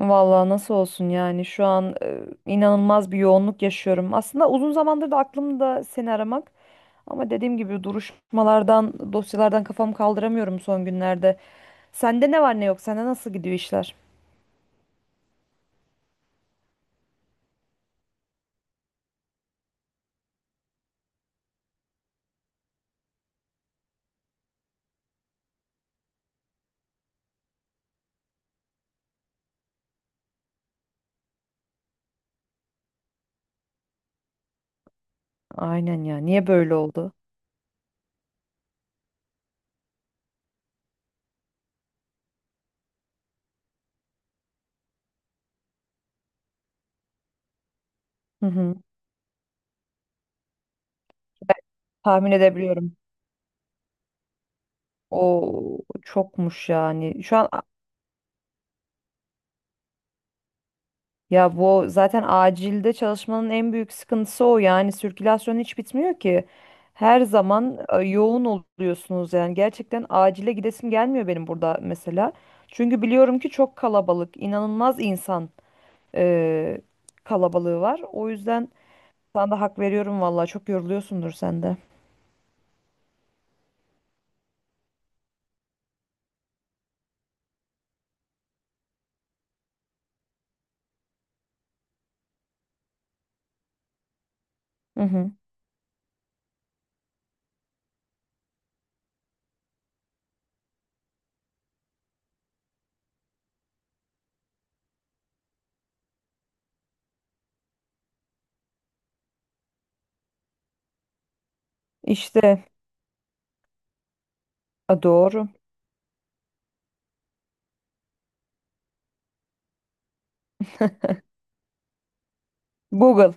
Vallahi nasıl olsun yani şu an inanılmaz bir yoğunluk yaşıyorum. Aslında uzun zamandır da aklımda seni aramak, ama dediğim gibi duruşmalardan, dosyalardan kafamı kaldıramıyorum son günlerde. Sende ne var ne yok? Sende nasıl gidiyor işler? Aynen ya. Niye böyle oldu? Hı hı. Ben tahmin edebiliyorum. O çokmuş yani. Şu an. Ya bu zaten acilde çalışmanın en büyük sıkıntısı o yani, sirkülasyon hiç bitmiyor ki. Her zaman yoğun oluyorsunuz, yani gerçekten acile gidesim gelmiyor benim burada mesela. Çünkü biliyorum ki çok kalabalık, inanılmaz insan e, kalabalığı var. O yüzden sana da hak veriyorum, valla çok yoruluyorsundur sen de. Hı hı. İşte. A, doğru. Google.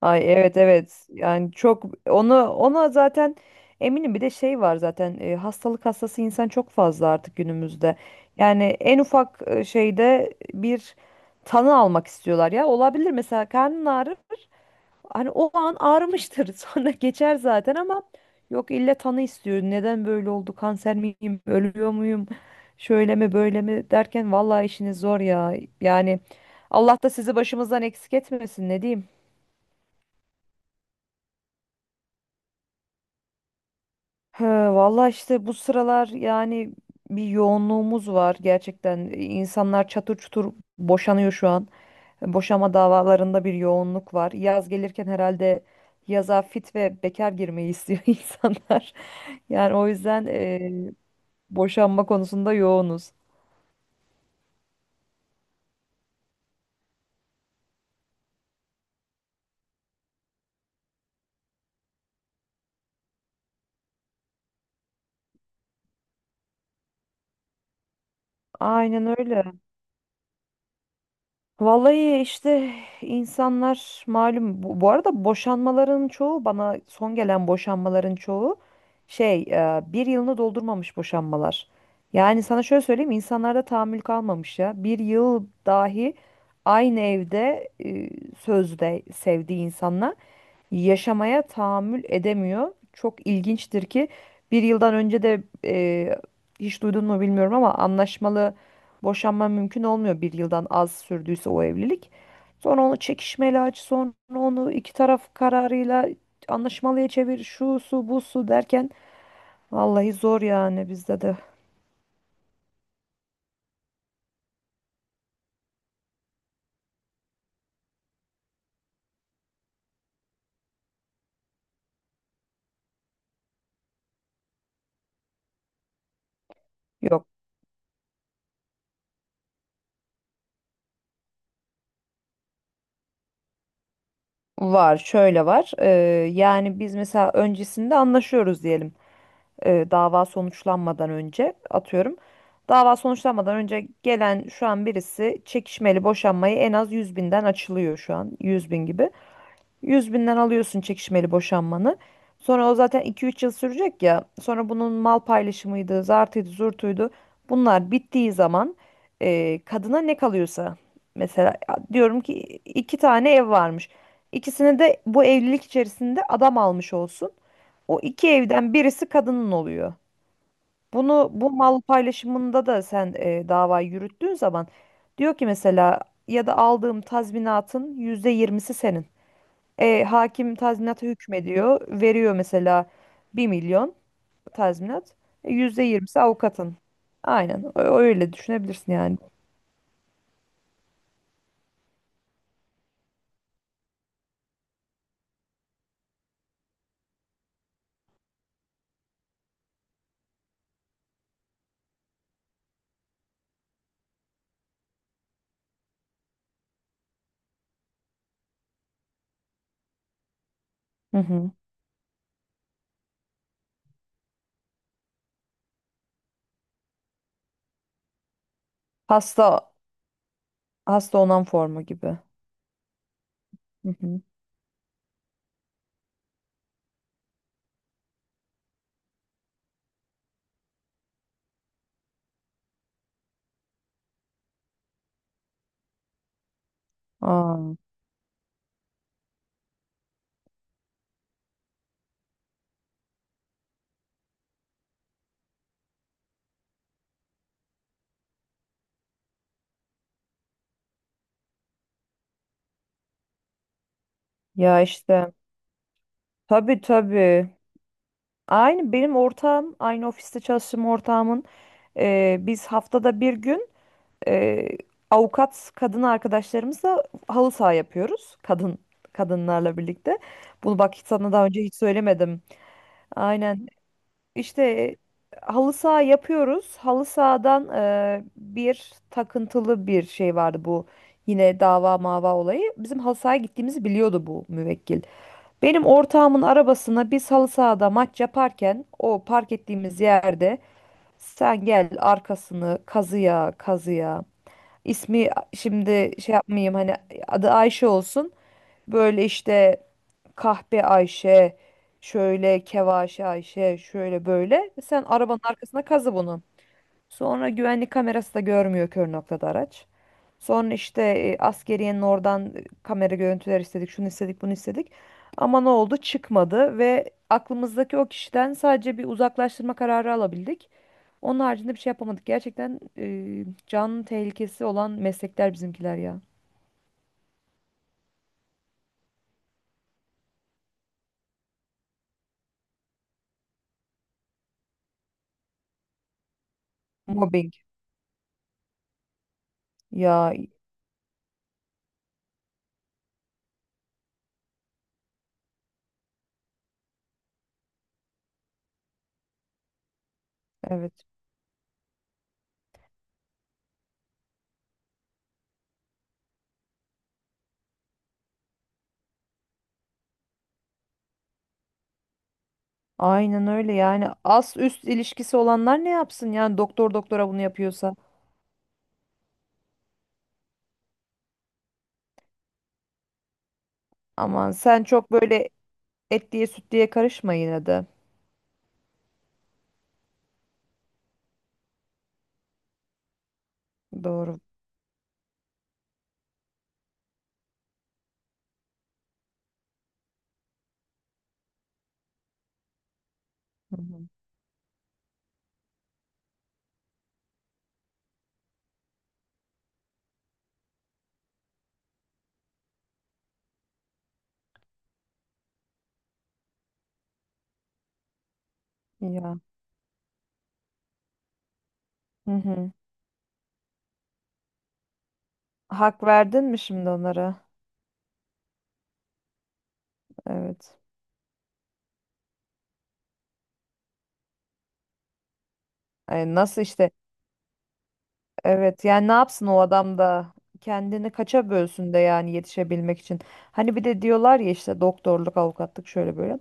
Ay, evet evet, yani çok onu ona zaten eminim bir de şey var zaten, hastalık hastası insan çok fazla artık günümüzde. Yani en ufak şeyde bir tanı almak istiyorlar. Ya olabilir mesela, karnın ağrır hani, o an ağrımıştır sonra geçer zaten, ama yok illa tanı istiyor. Neden böyle oldu, kanser miyim, ölüyor muyum, şöyle mi böyle mi derken vallahi işiniz zor ya yani. Allah da sizi başımızdan eksik etmesin, ne diyeyim. He, valla işte bu sıralar yani bir yoğunluğumuz var gerçekten. İnsanlar çatır çutur boşanıyor şu an. Boşama davalarında bir yoğunluk var. Yaz gelirken herhalde yaza fit ve bekar girmeyi istiyor insanlar. Yani o yüzden boşanma konusunda yoğunuz. Aynen öyle. Vallahi işte, insanlar malum bu arada boşanmaların çoğu, bana son gelen boşanmaların çoğu şey, bir yılını doldurmamış boşanmalar. Yani sana şöyle söyleyeyim, insanlarda tahammül kalmamış ya. Bir yıl dahi aynı evde sözde sevdiği insanla yaşamaya tahammül edemiyor. Çok ilginçtir ki bir yıldan önce de, hiç duydun mu bilmiyorum ama, anlaşmalı boşanma mümkün olmuyor bir yıldan az sürdüyse o evlilik. Sonra onu çekişmeli aç, sonra onu iki taraf kararıyla anlaşmalıya çevir, şu su bu su derken vallahi zor yani bizde de. Yok, var, şöyle var. Yani biz mesela öncesinde anlaşıyoruz diyelim. Dava sonuçlanmadan önce atıyorum. Dava sonuçlanmadan önce gelen şu an birisi çekişmeli boşanmayı en az 100.000'den açılıyor, şu an 100.000 gibi. 100 binden alıyorsun çekişmeli boşanmanı. Sonra o zaten iki üç yıl sürecek ya. Sonra bunun mal paylaşımıydı, zartıydı, zurtuydu. Bunlar bittiği zaman kadına ne kalıyorsa mesela, diyorum ki iki tane ev varmış. İkisini de bu evlilik içerisinde adam almış olsun. O iki evden birisi kadının oluyor. Bunu, bu mal paylaşımında da sen dava yürüttüğün zaman, diyor ki mesela, ya da aldığım tazminatın yüzde yirmisi senin. Hakim tazminata hükmediyor. Veriyor mesela 1.000.000 tazminat. %20'si avukatın. Aynen. Öyle düşünebilirsin yani. Hı hı. Hasta hasta onan formu gibi. Hı hı. Aa, ya işte. Tabii tabii. Aynı benim ortağım, aynı ofiste çalıştığım ortağımın, biz haftada bir gün, e, avukat kadın arkadaşlarımızla halı saha yapıyoruz. Kadınlarla birlikte. Bunu bak hiç sana daha önce hiç söylemedim. Aynen. İşte halı saha yapıyoruz. Halı sahadan bir takıntılı bir şey vardı bu. Yine dava mava olayı. Bizim halı sahaya gittiğimizi biliyordu bu müvekkil. Benim ortağımın arabasına, biz halı sahada maç yaparken, o park ettiğimiz yerde sen gel arkasını kazıya kazıya. İsmi şimdi şey yapmayayım hani, adı Ayşe olsun. Böyle işte kahpe Ayşe, şöyle kevaşe Ayşe, şöyle böyle. Sen arabanın arkasına kazı bunu. Sonra güvenlik kamerası da görmüyor, kör noktada araç. Sonra işte askeriyenin oradan kamera görüntüler istedik, şunu istedik, bunu istedik. Ama ne oldu? Çıkmadı ve aklımızdaki o kişiden sadece bir uzaklaştırma kararı alabildik. Onun haricinde bir şey yapamadık. Gerçekten can tehlikesi olan meslekler bizimkiler ya. Mobbing. Ya evet. Aynen öyle yani, as üst ilişkisi olanlar ne yapsın yani, doktor doktora bunu yapıyorsa. Aman sen çok böyle et diye süt diye karışma yine de. Doğru. Hı hı. Ya. Hı hı. Hak verdin mi şimdi onlara? Evet. Ay, nasıl işte? Evet yani ne yapsın o adam da, kendini kaça bölsün de yani yetişebilmek için. Hani bir de diyorlar ya işte doktorluk, avukatlık şöyle böyle.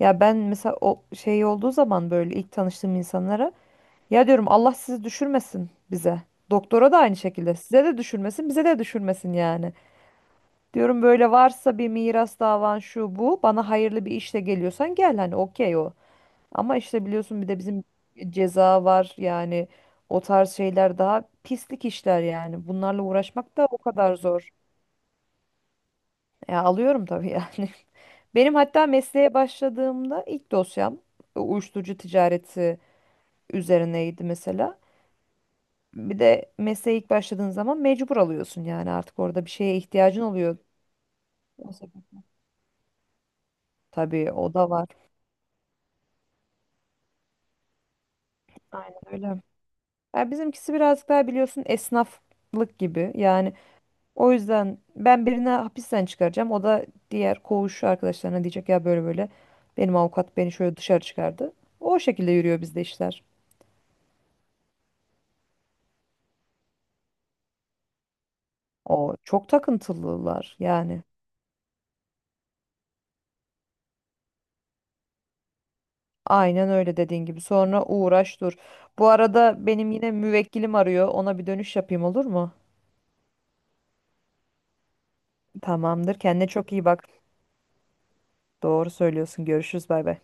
Ya ben mesela o şey olduğu zaman, böyle ilk tanıştığım insanlara, ya diyorum, Allah sizi düşürmesin bize. Doktora da aynı şekilde. Size de düşürmesin, bize de düşürmesin yani. Diyorum, böyle varsa bir miras davan şu bu, bana hayırlı bir işle geliyorsan gel, hani okey o. Ama işte biliyorsun, bir de bizim ceza var yani, o tarz şeyler daha pislik işler yani. Bunlarla uğraşmak da o kadar zor. Ya alıyorum tabii yani. Benim hatta mesleğe başladığımda ilk dosyam uyuşturucu ticareti üzerineydi mesela. Bir de mesleğe ilk başladığın zaman mecbur alıyorsun yani, artık orada bir şeye ihtiyacın oluyor. O sebep- Tabii o da var. Aynen öyle. Ya bizimkisi birazcık daha biliyorsun, esnaflık gibi. Yani o yüzden, ben birini hapisten çıkaracağım. O da diğer koğuş arkadaşlarına diyecek ya, böyle böyle benim avukat beni şöyle dışarı çıkardı. O şekilde yürüyor bizde işler. O çok takıntılılar yani. Aynen öyle dediğin gibi. Sonra uğraş dur. Bu arada benim yine müvekkilim arıyor. Ona bir dönüş yapayım, olur mu? Tamamdır. Kendine çok iyi bak. Doğru söylüyorsun. Görüşürüz. Bay bay.